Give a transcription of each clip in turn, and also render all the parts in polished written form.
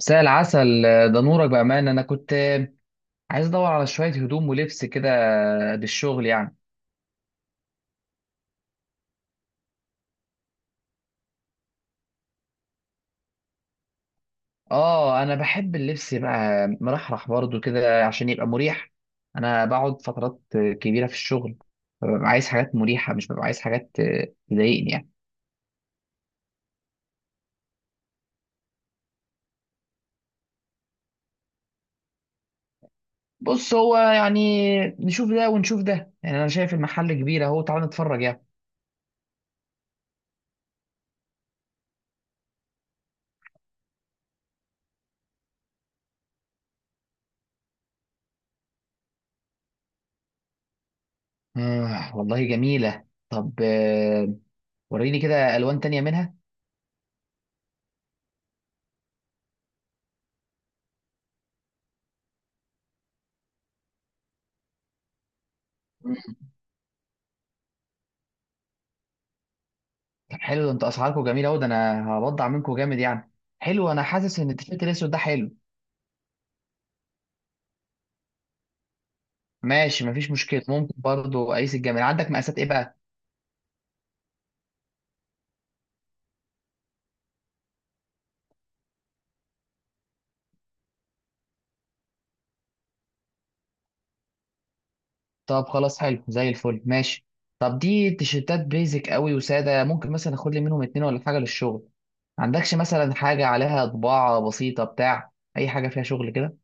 مساء العسل. ده نورك بأمانة. أنا كنت عايز أدور على شوية هدوم ولبس كده للشغل يعني. آه، أنا بحب اللبس بقى مرحرح برضو كده عشان يبقى مريح. أنا بقعد فترات كبيرة في الشغل، فببقى عايز حاجات مريحة، مش ببقى عايز حاجات تضايقني يعني. بص، هو يعني نشوف ده ونشوف ده، يعني أنا شايف المحل كبير أهو، تعال نتفرج يعني. آه والله جميلة. طب وريني كده ألوان تانية منها. طب حلو ده، انت اسعاركم جميله قوي، ده انا هبضع منكم جامد يعني. حلو، انا حاسس ان التيشيرت الاسود ده حلو. ماشي، مفيش مشكله. ممكن برضو اقيس الجمال. عندك مقاسات ايه بقى؟ طب خلاص، حلو زي الفل، ماشي. طب دي تيشيرتات بيزك قوي وساده، ممكن مثلا اخد لي منهم اتنين ولا حاجه للشغل. ما عندكش مثلا حاجه عليها طباعه بسيطه، بتاع اي حاجه فيها شغل كده؟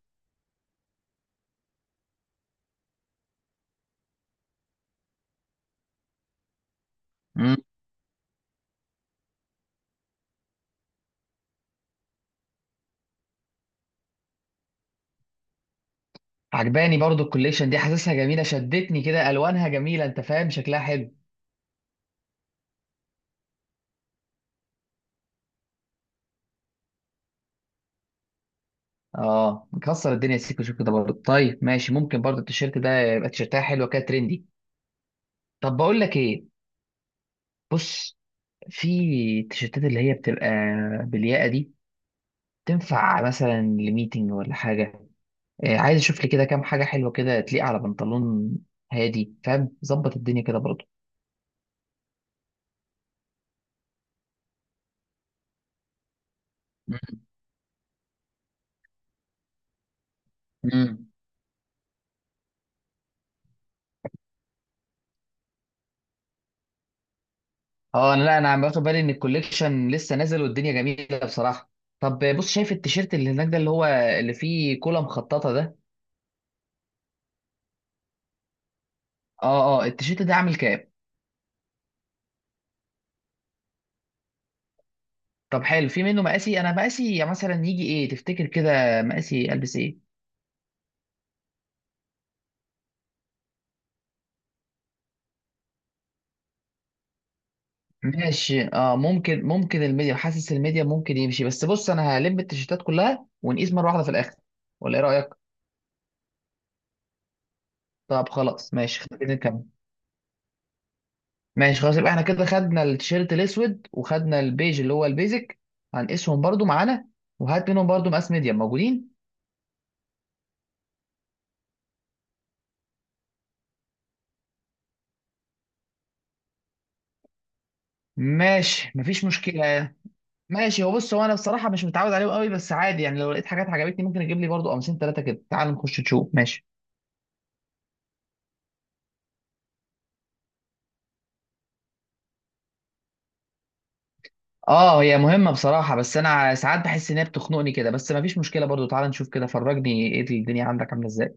امم عجباني برضو الكوليكشن دي، حاسسها جميله، شدتني كده الوانها جميله، انت فاهم، شكلها حلو. اه مكسر الدنيا سيكو، شوف كده برضه. طيب ماشي، ممكن برضه التيشيرت ده يبقى، تيشيرتها حلوه كده ترندي. طب بقول لك ايه، بص، في التيشيرتات اللي هي بتبقى بالياقه دي، تنفع مثلا لميتنج ولا حاجه؟ آه، عايز اشوف لي كده كام حاجه حلوه كده تليق على بنطلون هادي، فاهم؟ ظبط الدنيا كده برضه. مم. مم. اه انا، لا انا عم باخد بالي ان الكوليكشن لسه نازل والدنيا جميله بصراحه. طب بص، شايف التيشيرت اللي هناك ده، اللي هو اللي فيه كولا مخططه ده؟ اه اه، التيشيرت ده عامل كام؟ طب حلو، في منه مقاسي؟ انا مقاسي مثلا يجي ايه تفتكر كده؟ مقاسي البس ايه؟ ماشي، اه ممكن، الميديا، حاسس الميديا ممكن يمشي. بس بص، انا هلم التيشيرتات كلها ونقيس مره واحده في الاخر، ولا ايه رايك؟ طب خلاص ماشي، خلينا نكمل. ماشي خلاص، يبقى احنا كده خدنا التيشيرت الاسود وخدنا البيج اللي هو البيزك. هنقيسهم برضو معانا، وهات منهم برضو مقاس ميديا موجودين. ماشي مفيش مشكله. ماشي، هو بص انا بصراحه مش متعود عليهم قوي، بس عادي يعني. لو لقيت حاجات عجبتني ممكن اجيب لي برضو قميصين ثلاثه كده. تعال نخش نشوف، ماشي. اه هي مهمة بصراحة، بس انا ساعات بحس ان هي بتخنقني كده، بس ما فيش مشكلة برضو. تعال نشوف كده، فرجني ايه الدنيا عندك عاملة ازاي.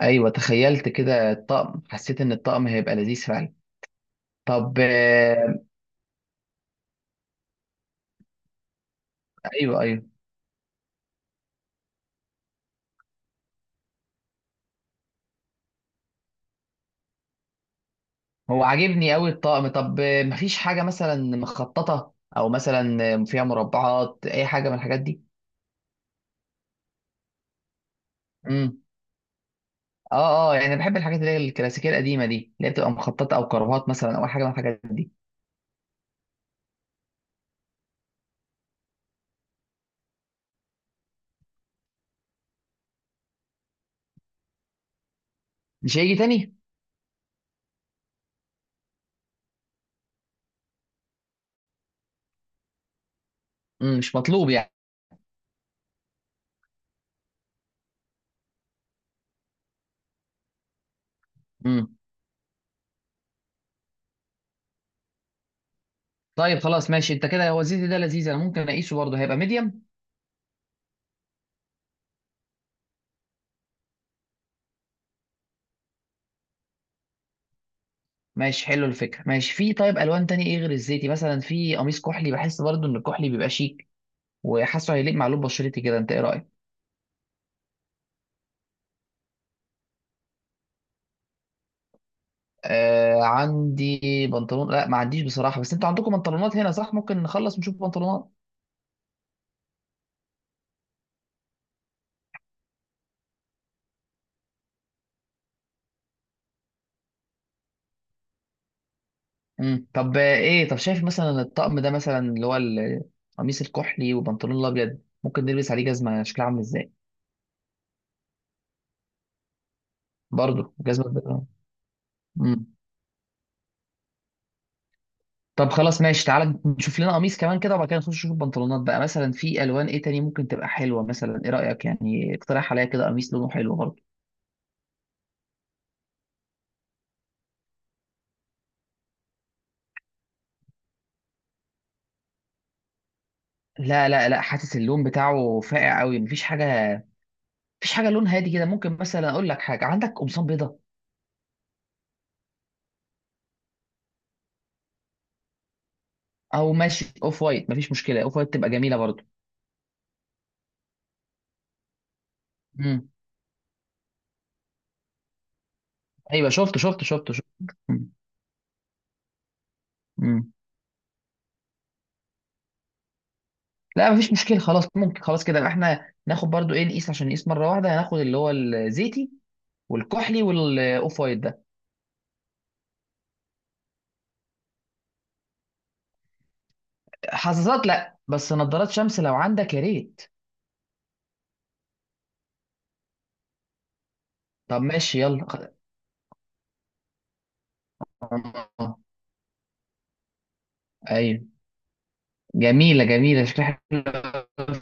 ايوه، تخيلت كده الطقم، حسيت ان الطقم هيبقى لذيذ فعلا. طب ايوه ايوه، هو عاجبني قوي الطقم. طب مفيش حاجة مثلا مخططة او مثلا فيها مربعات، اي حاجة من الحاجات دي؟ امم، اه اه، يعني بحب الحاجات اللي هي الكلاسيكية القديمة دي، اللي هي بتبقى مخططة او كربات مثلا، او اي حاجة من الحاجات دي. مش هيجي تاني؟ امم، مش مطلوب يعني؟ مم. طيب خلاص ماشي، انت كده هو الزيتي ده لذيذ، انا ممكن اقيسه برضه، هيبقى ميديم. ماشي حلو الفكره، ماشي. في طيب الوان تاني ايه غير الزيتي؟ مثلا في قميص كحلي، بحس برضه ان الكحلي بيبقى شيك، وحاسه هيليق مع لون بشرتي كده، انت ايه رايك؟ آه عندي بنطلون، لا ما عنديش بصراحه، بس انتوا عندكم بنطلونات هنا صح؟ ممكن نخلص نشوف بنطلونات. امم، طب ايه، طب شايف مثلا الطقم ده، مثلا اللي هو القميص الكحلي وبنطلون الابيض، ممكن نلبس عليه جزمه شكلها عامل ازاي؟ برضه جزمه بيضاء. طب خلاص ماشي، تعالى نشوف لنا قميص كمان كده، وبعد كده نخش نشوف بنطلونات بقى. مثلا في الوان ايه تاني ممكن تبقى حلوه؟ مثلا ايه رايك يعني؟ اقترح عليا كده قميص لونه حلو برضه. لا لا لا، حاسس اللون بتاعه فاقع قوي، مفيش حاجه. مفيش حاجه لون هادي كده ممكن؟ مثلا اقول لك حاجه، عندك قمصان بيضه؟ او ماشي اوف وايت مفيش مشكله، اوف وايت تبقى جميله برضه. امم، ايوه شفت شفت شفت شفت. مم. مم. لا مفيش مشكله، خلاص ممكن. خلاص كده، يبقى احنا ناخد برضه ايه، نقيس عشان نقيس مره واحده، هناخد اللي هو الزيتي والكحلي والاوف وايت ده. حساسات، لا، بس نظارات شمس لو عندك يا ريت. طب ماشي يلا آه، ايوه. جميلة جميلة، شكلها حلو.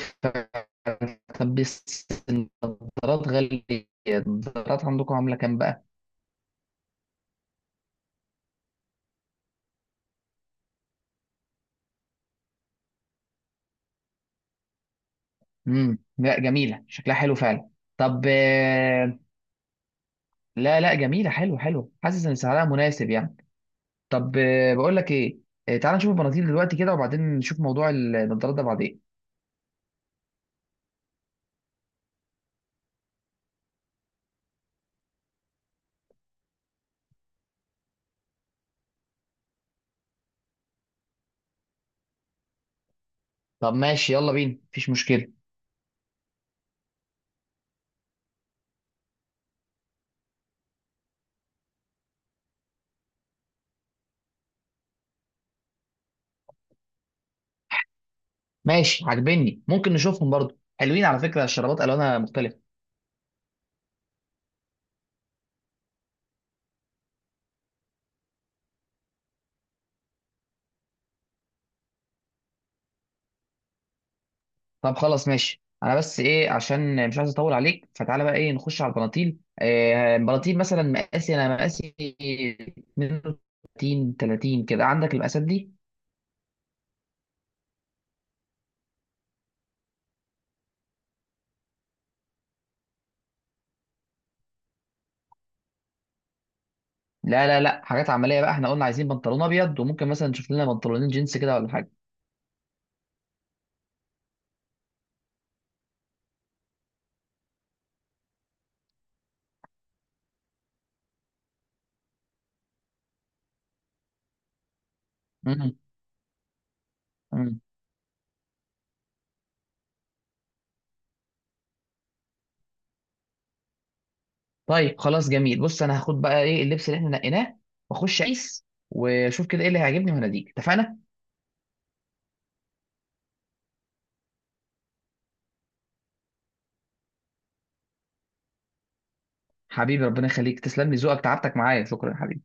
طب بس النظارات غالية، النظارات عندكم عاملة كام بقى؟ امم، لا جميلة، شكلها حلو فعلا. طب لا لا، جميلة، حلو حلو، حاسس ان سعرها مناسب يعني. طب بقول لك ايه، تعال نشوف البناطيل دلوقتي كده، وبعدين نشوف موضوع النظارات ده بعدين. طب ماشي يلا بينا، مفيش مشكلة. ماشي عاجبني، ممكن نشوفهم برضو. حلوين على فكرة الشرابات، ألوانها مختلفة. طب خلاص ماشي، أنا بس إيه، عشان مش عايز أطول عليك، فتعالى بقى إيه، نخش على البناطيل. إيه البناطيل؟ مثلا مقاسي، أنا مقاسي 32 30 كده، عندك المقاسات دي؟ لا لا لا، حاجات عملية بقى، إحنا قلنا عايزين بنطلون أبيض، وممكن مثلا نشوف لنا بنطلونين جينز كده ولا حاجة. مم. مم. طيب خلاص جميل، بص أنا هاخد بقى إيه اللبس اللي إحنا نقيناه، وأخش أقيس وأشوف كده إيه اللي هيعجبني وهناديك، اتفقنا. حبيبي ربنا يخليك، تسلم لي ذوقك، تعبتك معايا، شكرا يا حبيبي.